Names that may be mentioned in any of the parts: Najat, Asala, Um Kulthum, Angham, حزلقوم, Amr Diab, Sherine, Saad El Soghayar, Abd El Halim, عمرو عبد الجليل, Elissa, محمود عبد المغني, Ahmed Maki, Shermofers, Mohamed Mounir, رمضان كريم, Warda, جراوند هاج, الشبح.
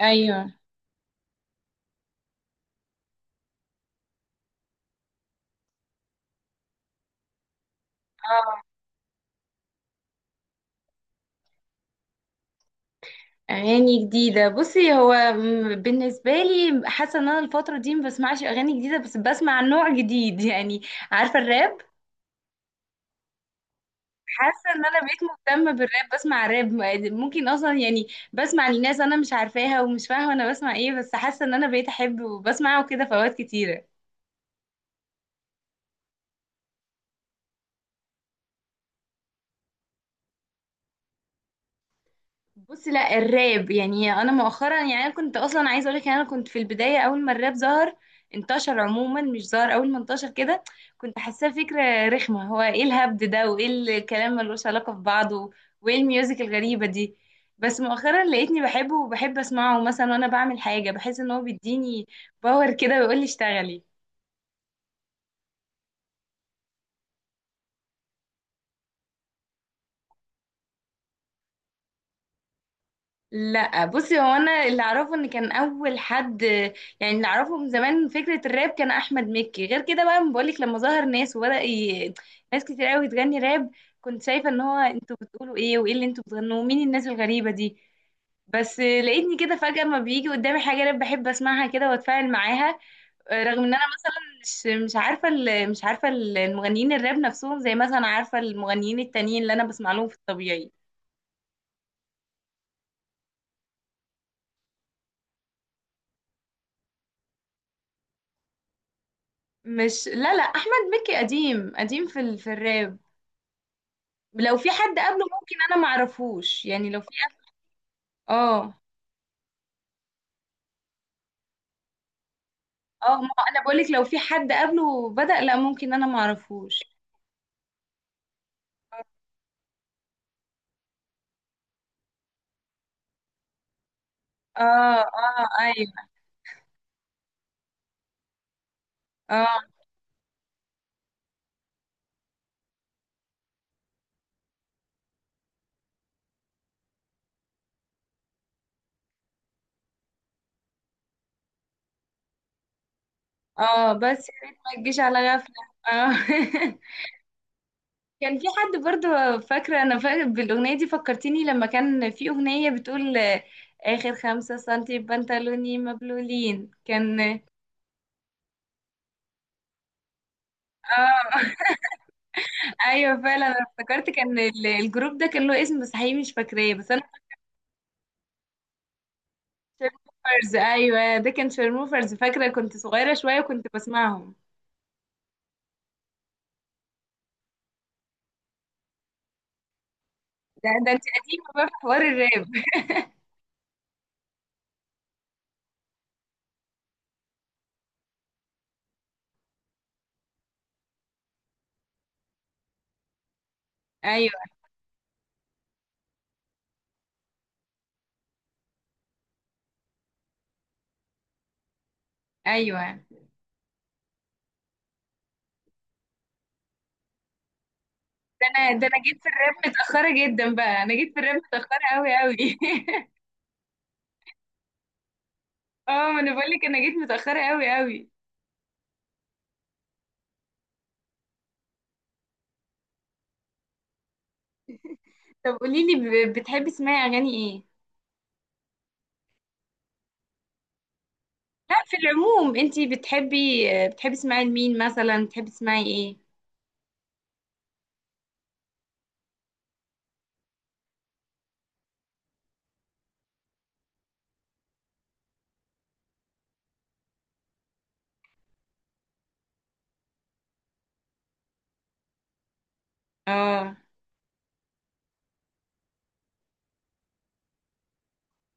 ايوه. اه. اغاني جديده. بصي، هو بالنسبه لي حاسه ان انا الفتره دي ما بسمعش اغاني جديده، بس بسمع نوع جديد يعني. عارفه الراب؟ حاسه ان انا بقيت مهتمه بالراب، بسمع راب ممكن اصلا يعني. بسمع لناس انا مش عارفاها ومش فاهمه انا بسمع ايه، بس حاسه ان انا بقيت احب وبسمعه كده في اوقات كتيره. بص، لا الراب يعني انا مؤخرا، يعني انا كنت اصلا عايزه اقول لك، انا كنت في البدايه اول ما الراب ظهر، انتشر عموما، مش ظهر اول ما انتشر كده. كنت حاساه فكره رخمه، هو ايه الهبد ده وايه الكلام ملوش علاقه ببعضه، وايه الميوزك الغريبه دي. بس مؤخرا لقيتني بحبه وبحب اسمعه، مثلا وانا بعمل حاجه بحس ان هو بيديني باور كده ويقول لي اشتغلي. لا بصي، هو انا اللي اعرفه ان كان اول حد، يعني اللي اعرفه من زمان فكره الراب كان احمد مكي. غير كده بقى بقولك، لما ظهر ناس وبدا ناس كتير قوي تغني راب، كنت شايفه ان هو انتوا بتقولوا ايه وايه اللي انتوا بتغنوه؟ مين الناس الغريبه دي؟ بس لقيتني كده فجاه، ما بيجي قدامي حاجه راب بحب اسمعها كده واتفاعل معاها، رغم ان انا مثلا مش عارفه مش عارفه المغنيين الراب نفسهم، زي مثلا عارفه المغنيين التانيين اللي انا بسمع لهم في الطبيعي. مش، لا لا احمد مكي قديم قديم في في الراب. لو في حد قبله ممكن انا ما اعرفوش، يعني لو في. اه. اه، ما هو انا بقولك لو في حد قبله بدأ، لا ممكن انا ما اعرفوش. اه. اه. ايوه. اه. اه، بس يا ريت ما تجيش على غفلة. اه كان في حد برضو فاكرة، انا فاكرة بالاغنية دي فكرتيني لما كان في اغنية بتقول اخر 5 سنتي بنطلوني مبلولين كان. اه ايوه فعلا، انا افتكرت كان الجروب ده كان له اسم بس حقيقي مش فاكراه بس انا. شيرموفرز. ايوه ده كان شيرموفرز، فاكره كنت صغيره شويه وكنت بسمعهم. ده انت قديمه بقى في حوار الراب. ايوه. ايوه. ده انا جيت في الراب متاخره جدا بقى، انا جيت في الراب متاخره قوي قوي اه، ما انا بقول لك انا جيت متاخره قوي قوي. طب قولي لي، بتحبي تسمعي اغاني ايه؟ لا في العموم، انت بتحبي، تسمعي لمين مثلا؟ بتحبي تسمعي ايه؟ اه.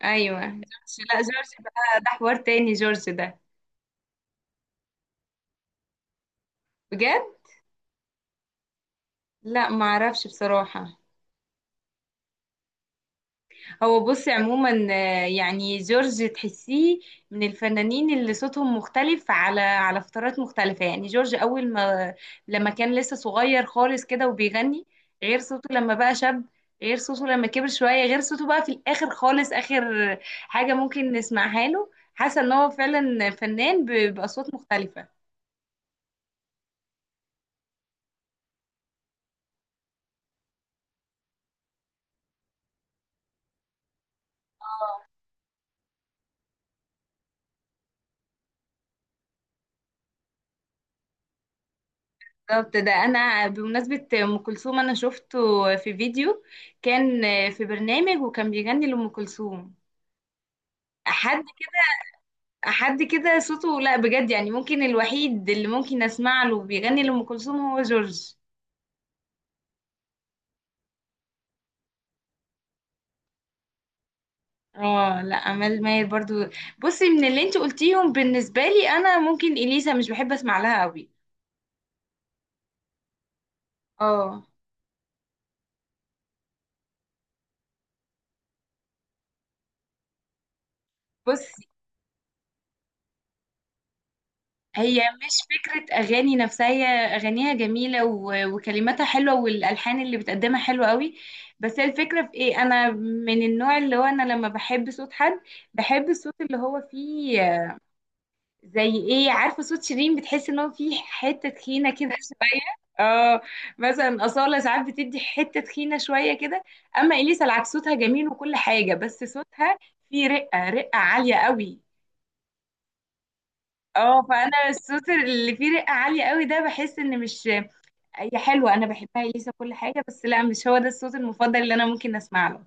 ايوه جورج. لا جورج بقى ده حوار تاني، جورج ده. بجد؟ لا ما اعرفش بصراحة. هو بصي عموما، يعني جورج تحسيه من الفنانين اللي صوتهم مختلف على فترات مختلفة. يعني جورج اول ما، لما كان لسه صغير خالص كده وبيغني، غير صوته لما بقى شاب، غير صوته لما كبر شوية، غير صوته بقى في الاخر خالص. اخر حاجة ممكن نسمعها له، حاسة ان هو فعلا فنان باصوات مختلفة. بالظبط، ده انا بمناسبة ام كلثوم انا شفته في فيديو كان في برنامج وكان بيغني لام كلثوم، حد حد كده صوته. لا بجد يعني ممكن الوحيد اللي ممكن اسمع له بيغني لام كلثوم هو جورج. اه لا امال ماهر برضو. بصي، من اللي انت قلتيهم بالنسبة لي انا، ممكن اليسا مش بحب اسمع لها قوي. اه. بصي هي مش فكرة أغاني نفسها، هي أغانيها جميلة وكلماتها حلوة والألحان اللي بتقدمها حلوة قوي. بس هي الفكرة في إيه؟ أنا من النوع اللي هو أنا لما بحب صوت حد بحب الصوت اللي هو فيه، زي إيه؟ عارفة صوت شيرين بتحس إن هو فيه حتة تخينة كده شوية. اه. مثلا أصالة ساعات بتدي حتة تخينة شوية كده. أما إليسا العكس، صوتها جميل وكل حاجة، بس صوتها فيه رقة، رقة عالية قوي. اه، فانا الصوت اللي فيه رقه عاليه قوي ده بحس ان مش، هي حلوه انا بحبها اليسا كل حاجه، بس لا مش هو ده الصوت المفضل اللي انا ممكن اسمع له.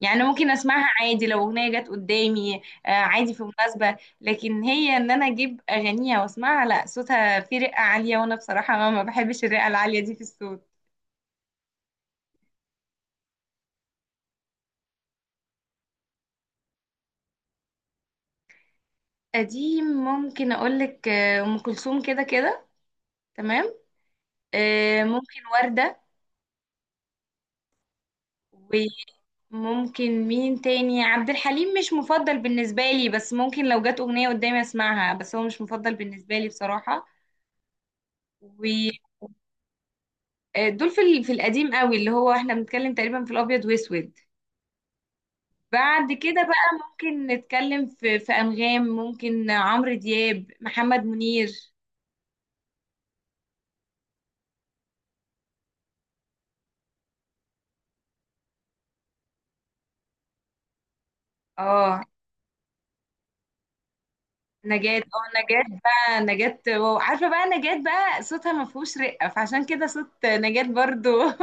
يعني ممكن اسمعها عادي لو اغنيه جت قدامي، عادي في مناسبه، لكن هي ان انا اجيب اغانيها واسمعها، لا، صوتها فيه رقه عاليه وانا بصراحه ما بحبش الرقه العاليه دي في الصوت. قديم ممكن اقولك ام كلثوم كده كده. تمام. ممكن ورده. ممكن مين تاني؟ عبد الحليم مش مفضل بالنسبة لي، بس ممكن لو جت أغنية قدامي أسمعها، بس هو مش مفضل بالنسبة لي بصراحة. ودول في في القديم قوي، اللي هو احنا بنتكلم تقريبا في الأبيض وأسود. بعد كده بقى ممكن نتكلم في أنغام، ممكن عمرو دياب، محمد منير. اه. نجاة، اه نجاة بقى، نجاة واو، عارفة بقى نجاة بقى صوتها ما فيهوش رقة، فعشان كده صوت نجاة برضو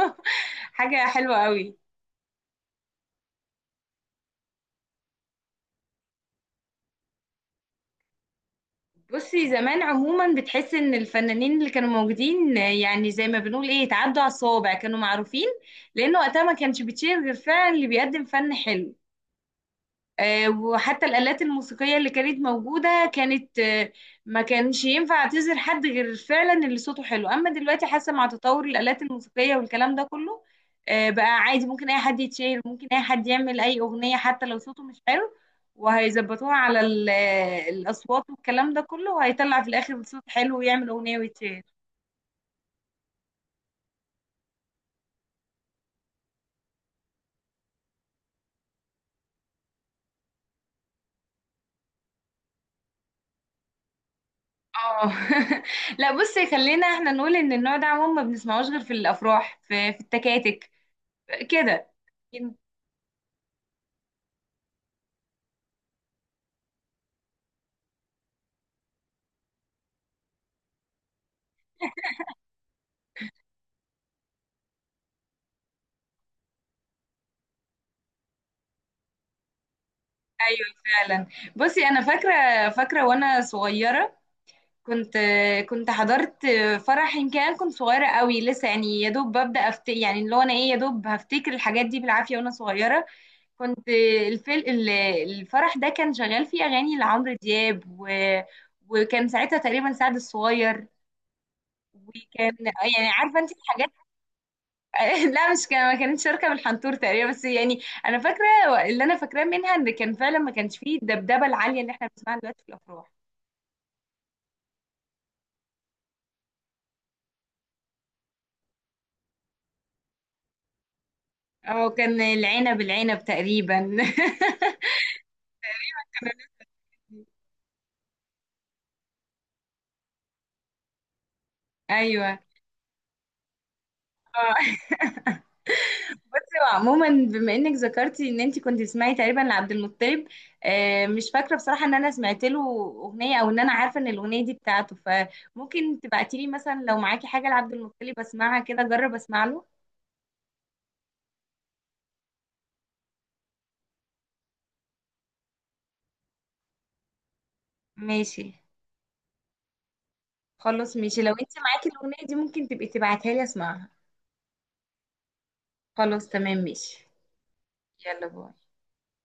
حاجة حلوة قوي. بصي زمان عموما بتحس ان الفنانين اللي كانوا موجودين، يعني زي ما بنقول ايه، اتعدوا على الصوابع، كانوا معروفين، لان وقتها ما كانش بتشير غير فعلا اللي بيقدم فن حلو. وحتى الآلات الموسيقية اللي كانت موجودة كانت، ما كانش ينفع تعزل حد غير فعلا اللي صوته حلو. أما دلوقتي حاسة مع تطور الآلات الموسيقية والكلام ده كله، بقى عادي ممكن أي حد يتشير، ممكن أي حد يعمل أي أغنية حتى لو صوته مش حلو، وهيظبطوها على الأصوات والكلام ده كله، وهيطلع في الآخر صوت حلو ويعمل أغنية ويتشير. اه لا بصي، خلينا احنا نقول ان النوع ده عموما ما بنسمعوش غير في الافراح، في التكاتك كده. ايوه فعلا. بصي انا فاكره، فاكره وانا صغيره، كنت كنت حضرت فرح، يمكن انا كنت صغيره قوي لسه، يعني يا دوب ببدا يعني اللي هو انا ايه، يا دوب هفتكر الحاجات دي بالعافيه وانا صغيره. كنت، الفل... ال- الفرح ده كان شغال فيه اغاني لعمرو دياب وكان ساعتها تقريبا سعد الصغير، وكان يعني عارفه انت الحاجات. لا مش كان، ما كانتش شركه من الحنطور تقريبا، بس يعني انا فاكره اللي انا فاكراه منها ان كان فعلا ما كانش فيه الدبدبه العاليه اللي احنا بنسمعها دلوقتي في الافراح. او كان العنب العنب تقريبا ايوه. اه عموما بما انك ذكرتي ان انت كنت تسمعي تقريبا لعبد المطلب، مش فاكره بصراحه ان انا سمعت له اغنيه، او ان انا عارفه ان الاغنيه دي بتاعته، فممكن تبعتي لي مثلا لو معاكي حاجه لعبد المطلب، اسمعها كده اجرب اسمع له. ماشي. خلاص ماشي، لو انت معاكي الاغنيه دي ممكن تبقي تبعتها لي اسمعها. خلاص تمام ماشي. يلا باي.